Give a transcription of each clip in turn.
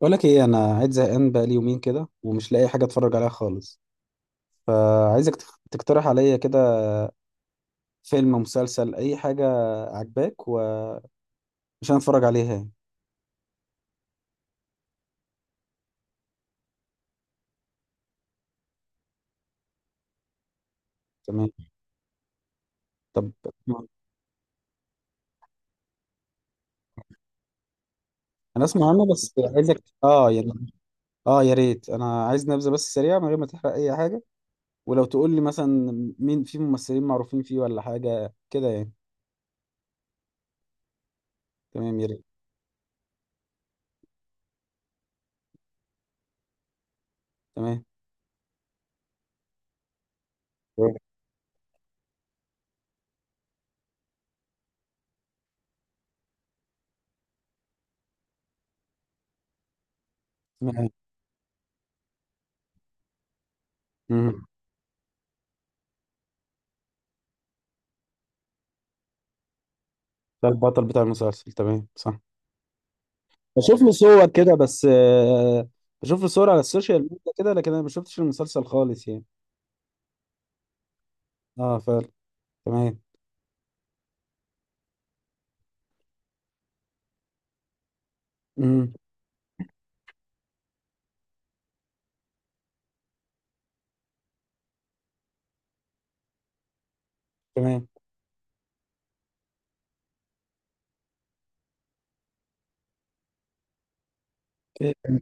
بقول لك ايه؟ انا قاعد زهقان بقالي يومين كده، ومش لاقي حاجه اتفرج عليها خالص. فعايزك تقترح عليا كده، فيلم، مسلسل، اي حاجه عجباك وعشان اتفرج عليها يعني. تمام. طب انا اسمع عنه بس عايزك يعني. اه، يا ريت، انا عايز نبذه بس سريعه من غير ما تحرق اي حاجه. ولو تقول لي مثلا مين في ممثلين معروفين فيه ولا حاجه كده يعني. تمام، يا ريت. تمام. تمام. مم. ده البطل بتاع المسلسل، تمام، صح. بشوف له صور كده بس بشوف له صور على السوشيال ميديا كده، لكن انا ما شفتش المسلسل خالص يعني. اه فعلا. تمام. امم. تمام. إيه،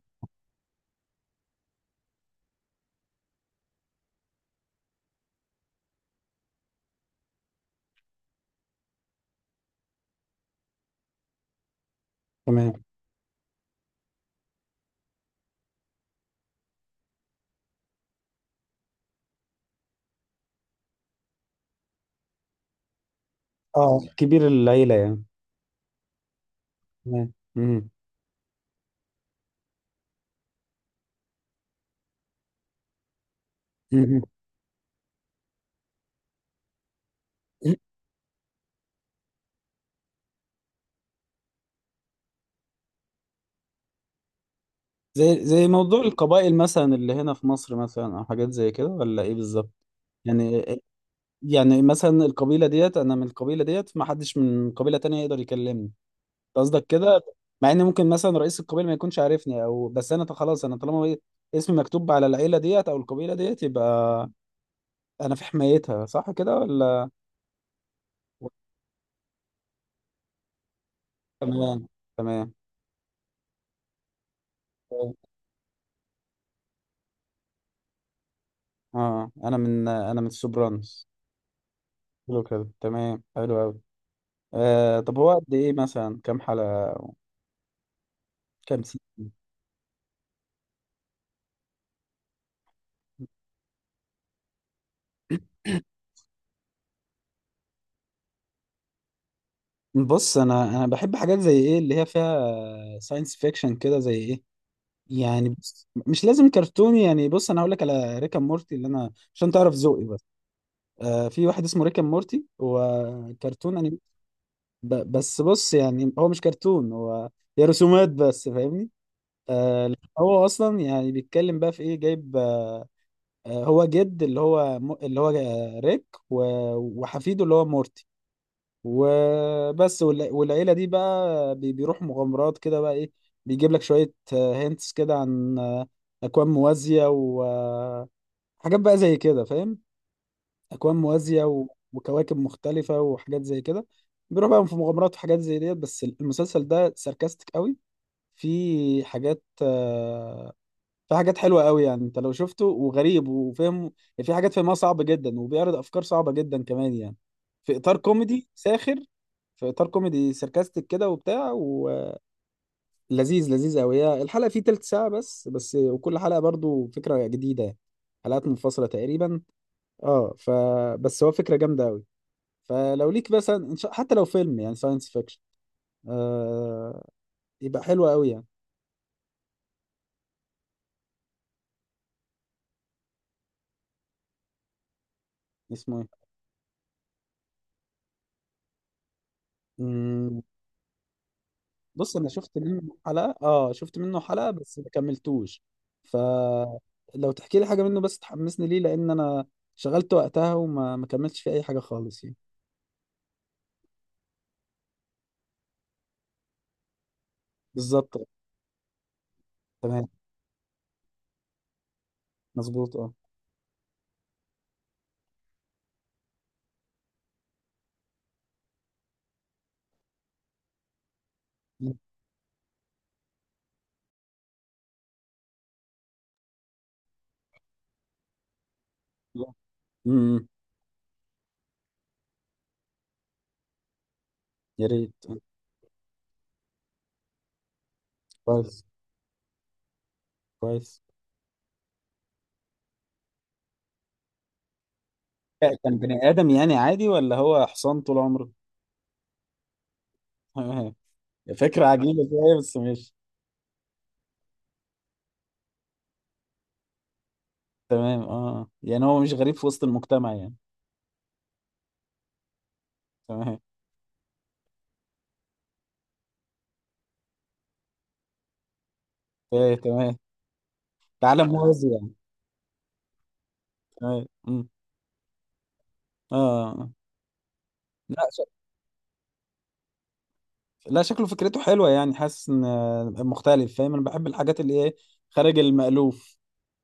تمام. اه، كبير العيلة يعني. تمام. امم. أمم. زي موضوع القبائل مثلا اللي هنا في مصر مثلا، او حاجات زي كده، ولا ايه بالظبط يعني؟ يعني مثلا القبيلة ديت، انا من القبيلة ديت، ما حدش من قبيلة تانية يقدر يكلمني، قصدك كده؟ مع ان ممكن مثلا رئيس القبيله ما يكونش عارفني، او بس انا خلاص، انا طالما بقيت اسمي مكتوب على العيله ديت او القبيله ديت، يبقى انا في حمايتها، صح كده ولا؟ تمام. تمام. اه، انا من السوبرانوس. حلو كده، تمام، حلو قوي. طب هو قد ايه مثلا؟ كام حلقه؟ كام سي. بص انا بحب حاجات زي ايه اللي هي فيها ساينس فيكشن كده، زي ايه يعني. بص مش لازم كرتوني، يعني بص انا هقول لك على ريكا مورتي، اللي انا عشان تعرف ذوقي بقى. في واحد اسمه ريكا مورتي، هو كرتون أنيم... بس بص، يعني هو مش كرتون، هو هي رسومات بس، فاهمني؟ هو اصلا يعني بيتكلم بقى في ايه، جايب هو جد، اللي هو ريك وحفيده اللي هو مورتي وبس. والعيله دي بقى بيروحوا مغامرات كده بقى ايه. بيجيب لك شويه هنتس كده عن اكوان موازيه وحاجات بقى زي كده، فاهم؟ اكوان موازيه وكواكب مختلفه وحاجات زي كده. بيروح بقى في مغامرات وحاجات زي ديت، بس المسلسل ده ساركاستيك قوي. في حاجات في حاجات حلوه قوي، يعني انت لو شفته وغريب وفهم يعني، في حاجات فهمها صعبه جدا، وبيعرض افكار صعبه جدا كمان يعني، في اطار كوميدي ساخر، في اطار كوميدي ساركاستيك كده وبتاع ولذيذ. لذيذ قوي. هي الحلقه فيه تلت ساعه بس بس، وكل حلقه برضو فكره جديده يعني. حلقات منفصله تقريبا. اه، فبس هو فكره جامده قوي. فلو ليك مثلا إن شاء، حتى لو فيلم يعني ساينس فيكشن، آه، يبقى حلو قوي يعني. اسمه ايه؟ مم. بص انا شفت منه حلقة، بس ما كملتوش. فلو تحكي لي حاجة منه بس تحمسني ليه، لان انا شغلت وقتها، وما ما كملتش فيه اي حاجة خالص يعني. بالظبط. تمام. مظبوط. اه. امم، يا ريت. كويس. كويس. كان بني ادم يعني عادي، ولا هو حصان طول عمره؟ فكرة عجيبة شوية، بس ماشي. تمام، اه، يعني هو مش غريب في وسط المجتمع يعني. تمام. ايه، تمام. تعالى موازي يعني. تمام. أمم. اه. آه. لا ش... لا، شكله فكرته حلوه يعني، حاسس ان مختلف، فاهم؟ انا بحب الحاجات اللي ايه، خارج المألوف.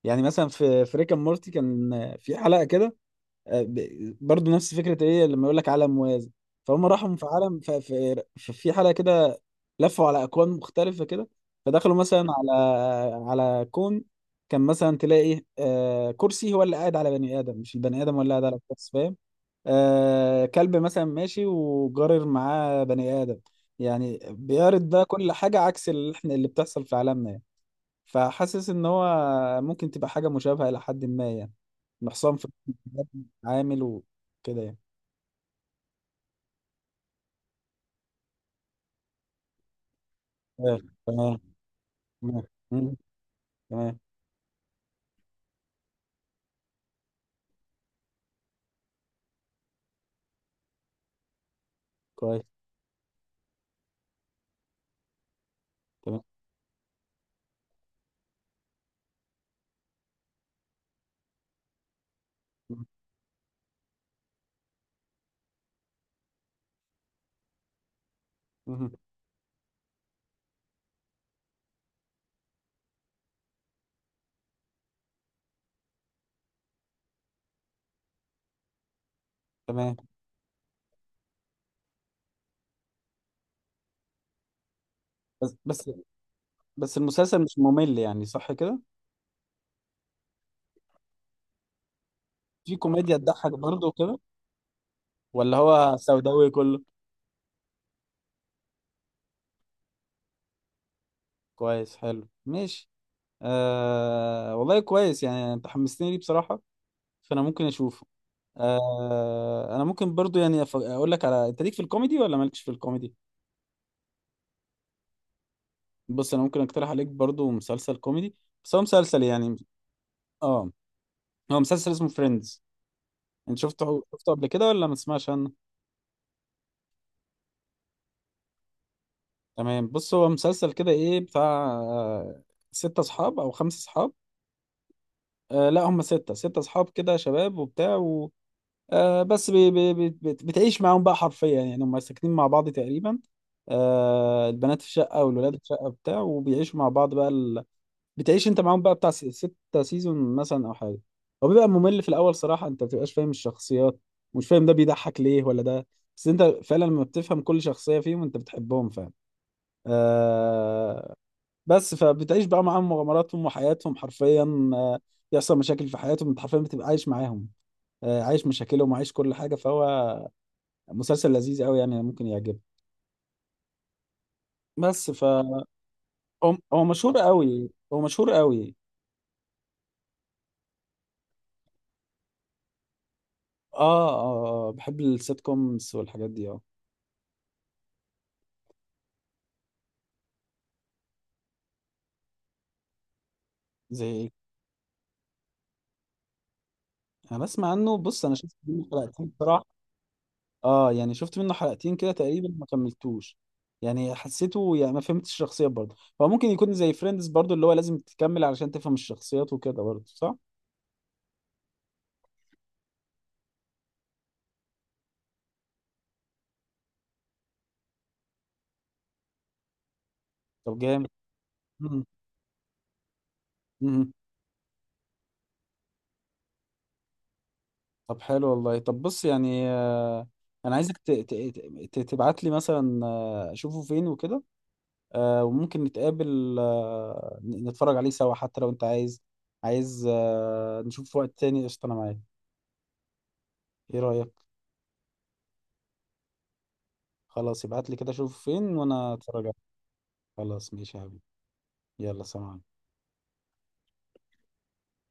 يعني مثلا في ريكا مورتي كان في حلقه كده، برضو نفس فكرة ايه، لما يقول لك عالم موازي، فهم راحوا في عالم في حلقة كده، لفوا على اكوان مختلفة كده، فدخلوا مثلا على كون، كان مثلا تلاقي إيه، كرسي هو اللي قاعد على بني ادم، مش البني ادم هو اللي قاعد على الكرسي، فاهم؟ كلب مثلا ماشي وجارر معاه بني ادم، يعني بيعرض ده كل حاجة عكس اللي احنا، اللي بتحصل في عالمنا. فحاسس ان هو ممكن تبقى حاجه مشابهه الى حد ما يعني، محصن في عامل وكده يعني. تمام. تمام. تمام. مم. تمام. كويس. تمام. مم. تمام. بس بس، بس المسلسل مش ممل يعني، صح كده؟ في كوميديا تضحك برضه كده، ولا هو سوداوي كله؟ كويس، حلو، ماشي. آه والله كويس، يعني انت حمستني ليه بصراحه، فانا ممكن اشوفه. آه، انا ممكن برضو يعني اقول لك، على انت ليك في الكوميدي ولا مالكش في الكوميدي. بص انا ممكن اقترح عليك برضو مسلسل كوميدي، بس هو مسلسل يعني. اه. هو مسلسل اسمه فريندز. انت شفته، قبل كده، ولا ما تسمعش عنه؟ تمام. بص هو مسلسل كده ايه، بتاع ستة اصحاب او خمسة اصحاب. آه لا، هم ستة، اصحاب كده، شباب وبتاع آه بس بتعيش معاهم بقى حرفيا، يعني هم ساكنين مع بعض تقريبا. آه، البنات في شقة، والولاد في شقة بتاع، وبيعيشوا مع بعض بقى. بتعيش انت معاهم بقى بتاع ستة سيزون مثلا او حاجه. هو بيبقى ممل في الاول صراحه، انت ما بتبقاش فاهم الشخصيات، مش فاهم ده بيضحك ليه ولا ده. بس انت فعلا لما بتفهم كل شخصيه فيهم، انت بتحبهم فعلا. آه. بس فبتعيش بقى معاهم مغامراتهم وحياتهم حرفيا، آه، يحصل مشاكل في حياتهم، انت حرفيا بتبقى عايش معاهم، آه، عايش مشاكلهم وعايش كل حاجه، فهو مسلسل لذيذ قوي يعني، ممكن يعجبك. بس ف هو مشهور قوي، هو مشهور قوي. اه، اه، بحب السيت كومز والحاجات دي اه زي ايه. انا بسمع عنه، بص انا شفت منه حلقتين بصراحه. اه، يعني شفت منه حلقتين كده تقريبا، ما كملتوش، يعني حسيته يعني ما فهمتش الشخصيات برضه، فممكن يكون زي فريندز برضه، اللي هو لازم تكمل علشان تفهم الشخصيات وكده برضه، صح؟ طب جامد. مم. مم. طب حلو والله، طب بص يعني، آه، انا عايزك تبعت لي مثلا اشوفه فين وكده، آه، وممكن نتقابل، آه، نتفرج عليه سوا حتى لو انت عايز، نشوف في وقت تاني، قشطه انا معاك. ايه رايك؟ خلاص ابعت لي كده، شوف فين وانا اتفرج عليه. خلاص ماشي يا حبيبي، يلا سلام عليكم.